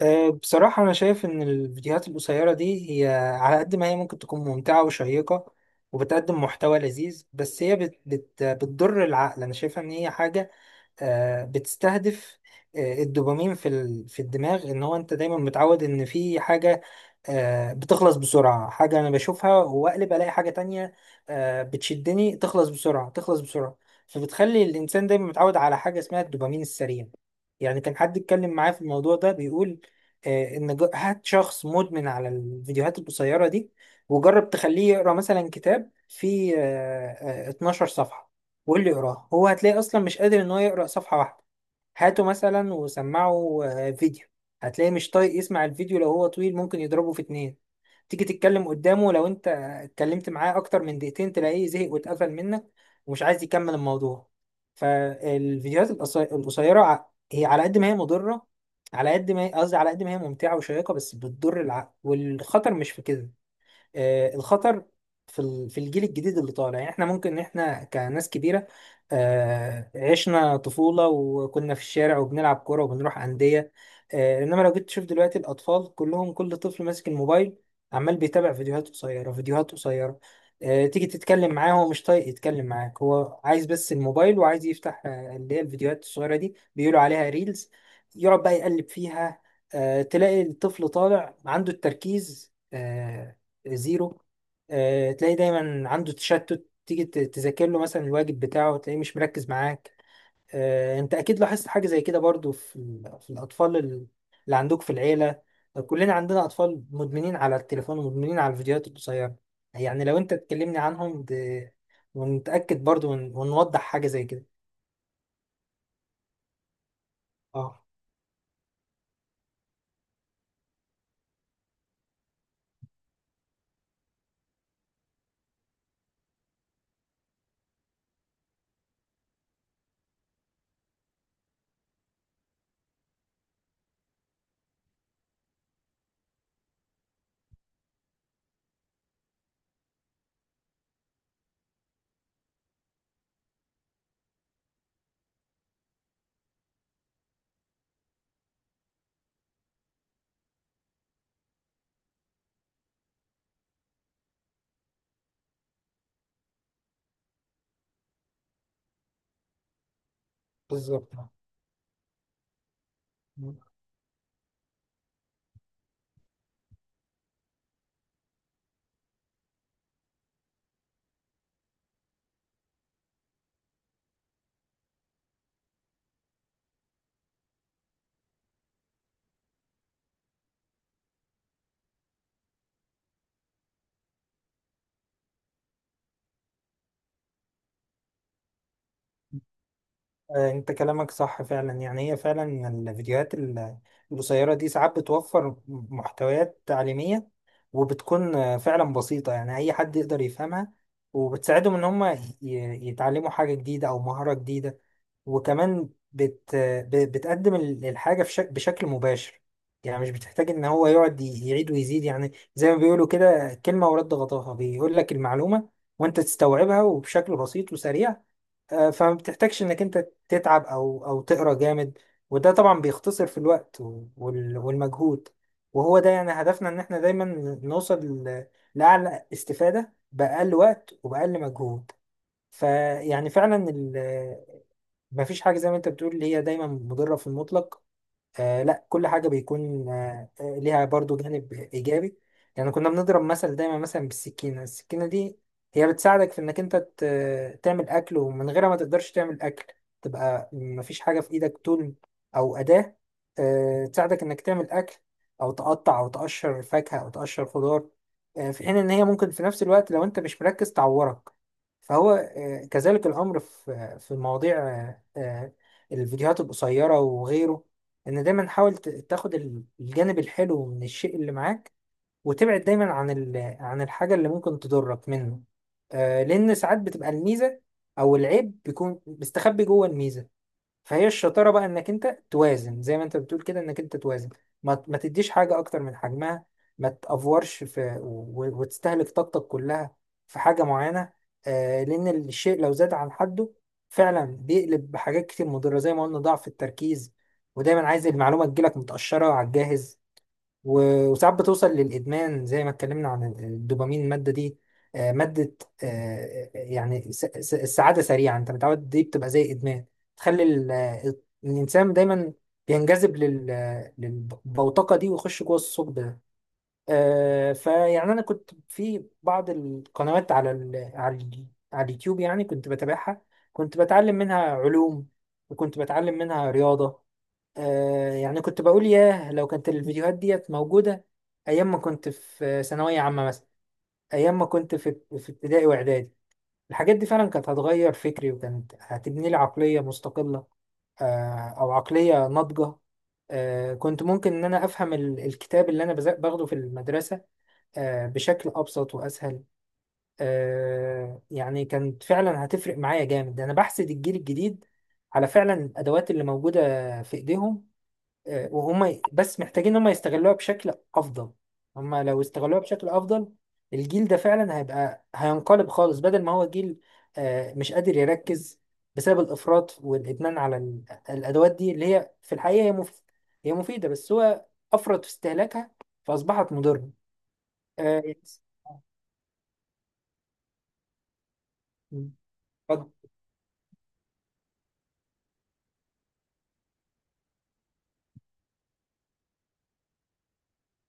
أه، بصراحة أنا شايف إن الفيديوهات القصيرة دي هي على قد ما هي ممكن تكون ممتعة وشيقة وبتقدم محتوى لذيذ بس هي بت بت بتضر العقل. أنا شايفها إن هي حاجة بتستهدف الدوبامين في الدماغ. ان هو انت دايما متعود ان في حاجه بتخلص بسرعه، حاجه انا بشوفها واقلب الاقي حاجه تانية، بتشدني، تخلص بسرعه تخلص بسرعه. فبتخلي الانسان دايما متعود على حاجه اسمها الدوبامين السريع. يعني كان حد اتكلم معاه في الموضوع ده بيقول، هات شخص مدمن على الفيديوهات القصيره دي، وجرب تخليه يقرا مثلا كتاب فيه 12 صفحه، واللي يقراه هو هتلاقي اصلا مش قادر ان هو يقرا صفحه واحده. هاته مثلا وسمعه فيديو، هتلاقيه مش طايق يسمع الفيديو، لو هو طويل ممكن يضربه في اتنين. تيجي تتكلم قدامه، لو انت اتكلمت معاه اكتر من دقيقتين تلاقيه زهق واتقفل منك ومش عايز يكمل الموضوع. فالفيديوهات القصي- القصيره ع- هي على قد ما هي مضره، على قد ما هي ممتعه وشيقه بس بتضر العقل. والخطر مش في كده، الخطر في الجيل الجديد اللي طالع. يعني احنا ممكن ان احنا كناس كبيره عشنا طفوله وكنا في الشارع وبنلعب كوره وبنروح انديه، انما لو جيت تشوف دلوقتي الاطفال كلهم، كل طفل ماسك الموبايل عمال بيتابع فيديوهات قصيره فيديوهات قصيره. تيجي تتكلم معاه هو مش طايق يتكلم معاك، هو عايز بس الموبايل وعايز يفتح اللي هي الفيديوهات الصغيره دي، بيقولوا عليها ريلز. يقعد بقى يقلب فيها، تلاقي الطفل طالع عنده التركيز زيرو. تلاقي دايما عنده تشتت، تيجي تذاكر له مثلا الواجب بتاعه تلاقيه مش مركز معاك. انت اكيد لاحظت حاجة زي كده برضو في الاطفال اللي عندك في العيلة. كلنا عندنا اطفال مدمنين على التليفون ومدمنين على الفيديوهات القصيرة. يعني لو انت تكلمني عنهم ونتأكد برضو ونوضح حاجة زي كده. اه، بالظبط. انت كلامك صح فعلا. يعني هي فعلا القصيرة دي ساعات بتوفر محتويات تعليمية، وبتكون فعلا بسيطة يعني اي حد يقدر يفهمها، وبتساعدهم ان هم يتعلموا حاجة جديدة او مهارة جديدة. وكمان بتقدم الحاجة بشكل مباشر. يعني مش بتحتاج ان هو يقعد يعيد ويزيد، يعني زي ما بيقولوا كده، كلمة ورد غطاها، بيقول لك المعلومة وانت تستوعبها، وبشكل بسيط وسريع. فما بتحتاجش انك انت تتعب او تقرا جامد، وده طبعا بيختصر في الوقت والمجهود. وهو ده يعني هدفنا، ان احنا دايما نوصل لاعلى استفادة باقل وقت وباقل مجهود. فيعني فعلا مفيش حاجة زي ما انت بتقول اللي هي دايما مضرة في المطلق. آه، لا، كل حاجة بيكون ليها برضو جانب إيجابي. يعني كنا بنضرب مثل دايما مثلا بالسكينة. السكينة دي هي بتساعدك في إنك أنت تعمل أكل، ومن غيرها ما تقدرش تعمل أكل، تبقى مفيش حاجة في إيدك طول، أو أداة آه تساعدك إنك تعمل أكل أو تقطع أو تقشر فاكهة أو تقشر خضار. آه، في حين إن هي ممكن في نفس الوقت لو أنت مش مركز تعورك. فهو آه كذلك الأمر في في مواضيع الفيديوهات القصيرة وغيره. ان دايما حاول تاخد الجانب الحلو من الشيء اللي معاك، وتبعد دايما عن عن الحاجة اللي ممكن تضرك منه. آه، لان ساعات بتبقى الميزة او العيب بيكون مستخبي جوه الميزة. فهي الشطاره بقى انك انت توازن، زي ما انت بتقول كده، انك انت توازن، ما تديش حاجه اكتر من حجمها، ما تافورش وتستهلك طاقتك كلها في حاجه معينه. آه، لان الشيء لو زاد عن حده فعلا بيقلب بحاجات كتير مضره، زي ما قلنا ضعف التركيز، ودايما عايز المعلومه تجيلك متقشره على الجاهز، وساعات بتوصل للإدمان، زي ما اتكلمنا عن الدوبامين. المادة دي مادة يعني السعادة سريعة، أنت متعود، دي بتبقى زي إدمان تخلي الإنسان دايما بينجذب للبوتقة دي، ويخش جوه الثقب ده. فيعني أنا كنت في بعض القنوات على على اليوتيوب، يعني كنت بتابعها، كنت بتعلم منها علوم وكنت بتعلم منها رياضة. آه، يعني كنت بقول ياه، لو كانت الفيديوهات ديت موجودة أيام ما كنت في ثانوية عامة مثلا، أيام ما كنت في ابتدائي وإعدادي، الحاجات دي فعلا كانت هتغير فكري وكانت هتبني لي عقلية مستقلة آه أو عقلية ناضجة. آه، كنت ممكن إن أنا أفهم الكتاب اللي أنا باخده في المدرسة آه بشكل أبسط وأسهل. آه يعني كانت فعلا هتفرق معايا جامد. ده أنا بحسد الجيل الجديد على فعلا الأدوات اللي موجودة في إيديهم. بس محتاجين ان هم يستغلوها بشكل افضل. هم لو استغلوها بشكل افضل، الجيل ده فعلا هيبقى، هينقلب خالص، بدل ما هو جيل مش قادر يركز بسبب الافراط والادمان على الادوات دي اللي هي في الحقيقه هي هي مفيده بس هو افرط في استهلاكها فاصبحت مضره. اه، يس. آه، اتفضل.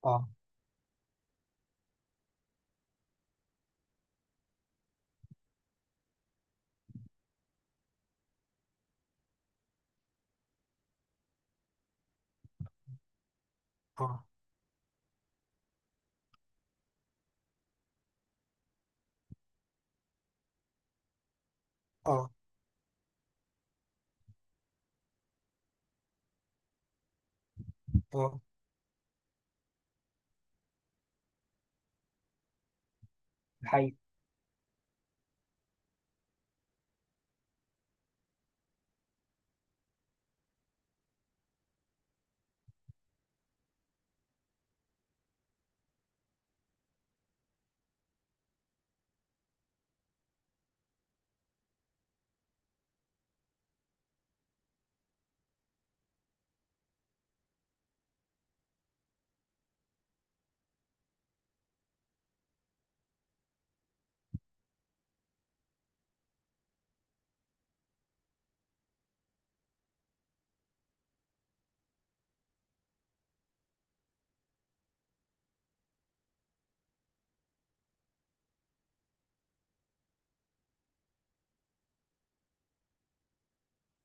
اه، اه، اه، اه، الحقيقة،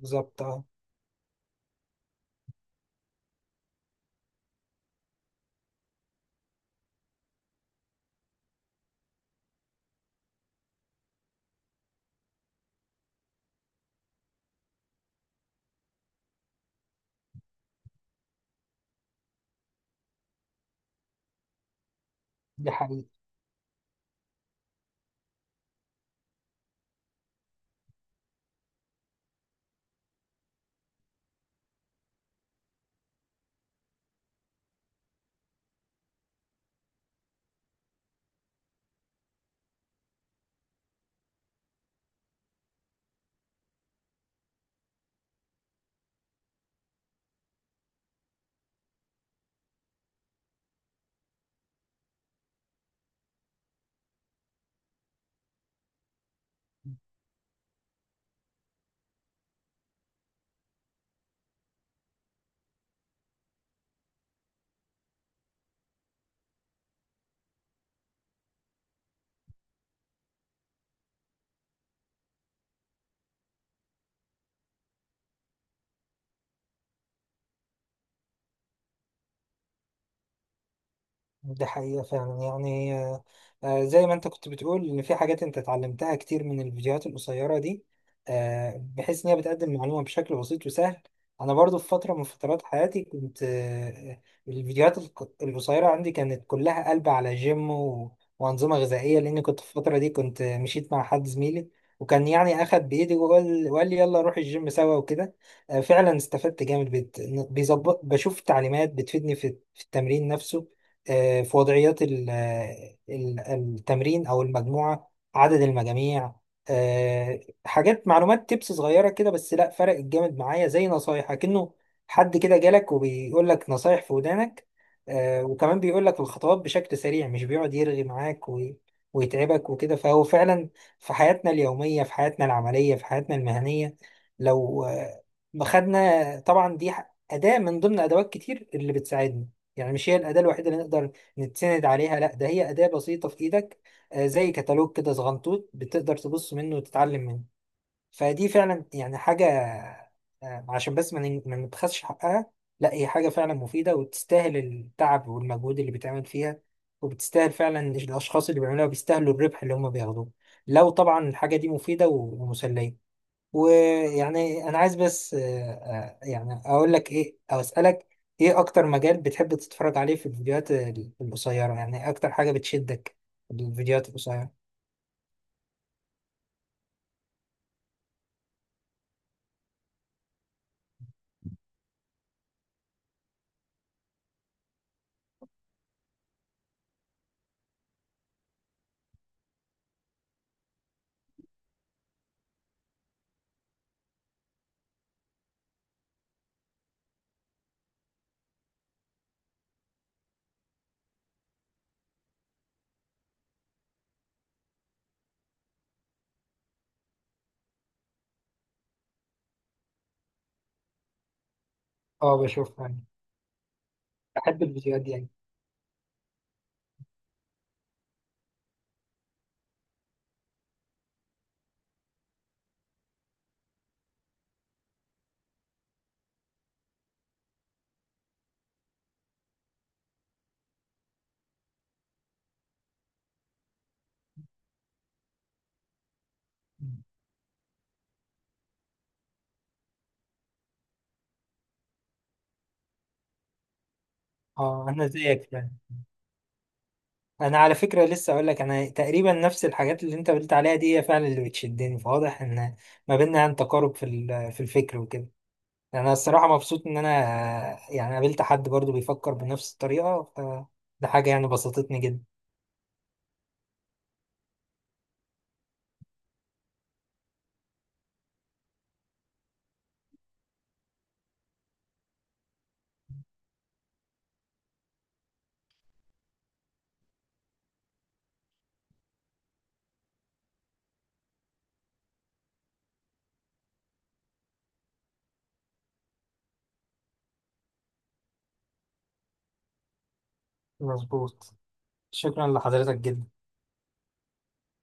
بالظبط، اه، دي حقيقة. دي حقيقة فعلا. زي ما انت كنت بتقول ان في حاجات انت اتعلمتها كتير من الفيديوهات القصيرة دي، بحيث ان هي بتقدم معلومة بشكل بسيط وسهل. انا برضو في فترة من فترات حياتي كنت آه، القصيرة عندي كانت كلها قلب على جيم وانظمة غذائية، لان كنت في الفترة دي كنت مشيت مع حد زميلي، وكان يعني اخد بايدي وقال لي يلا نروح الجيم سوا وكده. آه، فعلا استفدت جامد بيظبط، بشوف تعليمات بتفيدني في التمرين نفسه، آه، في وضعيات التمرين، أو المجموعة، عدد المجاميع. آه، حاجات، معلومات تبس صغيرة كده بس لا، فرقت جامد معايا، زي نصايح كأنه حد كده جالك وبيقول لك نصايح في ودانك. آه، وكمان بيقول لك الخطوات بشكل سريع، مش بيقعد يرغي معاك ويتعبك وكده. فهو فعلا في حياتنا اليومية، في حياتنا العملية، في حياتنا المهنية، لو آه، خدنا طبعا دي أداة من ضمن أدوات كتير اللي بتساعدنا، يعني مش هي الأداة الوحيدة اللي نقدر نتسند عليها، لا، ده هي أداة بسيطة في إيدك، آه، زي كتالوج كده صغنطوط، بتقدر تبص منه وتتعلم منه. فدي فعلا يعني حاجة، آه، عشان بس ما نبخسش حقها، لا، هي حاجة فعلا مفيدة وتستاهل التعب والمجهود اللي بيتعمل فيها، وبتستاهل فعلا الأشخاص اللي بيعملوها بيستاهلوا الربح اللي هم بياخدوه، لو طبعا الحاجة دي مفيدة ومسلية. ويعني انا عايز بس يعني اقول لك ايه او اسالك، ايه اكتر مجال بتحب تتفرج عليه في القصيره؟ يعني اكتر حاجه بتشدك في الفيديوهات القصيره؟ اه، بشوف يعني، بحب الفيديوهات دي يعني. اه، انا زيك فعلا. انا على فكره لسه اقول لك، انا تقريبا نفس الحاجات اللي انت قلت عليها دي هي فعلا اللي بتشدني، فواضح ان ما بيننا يعني تقارب في الفكر وكده. يعني انا الصراحه مبسوط ان انا يعني قابلت حد برضو بيفكر بنفس الطريقه، فده حاجه يعني بسطتني جدا. مظبوط. شكرا لحضرتك جدا.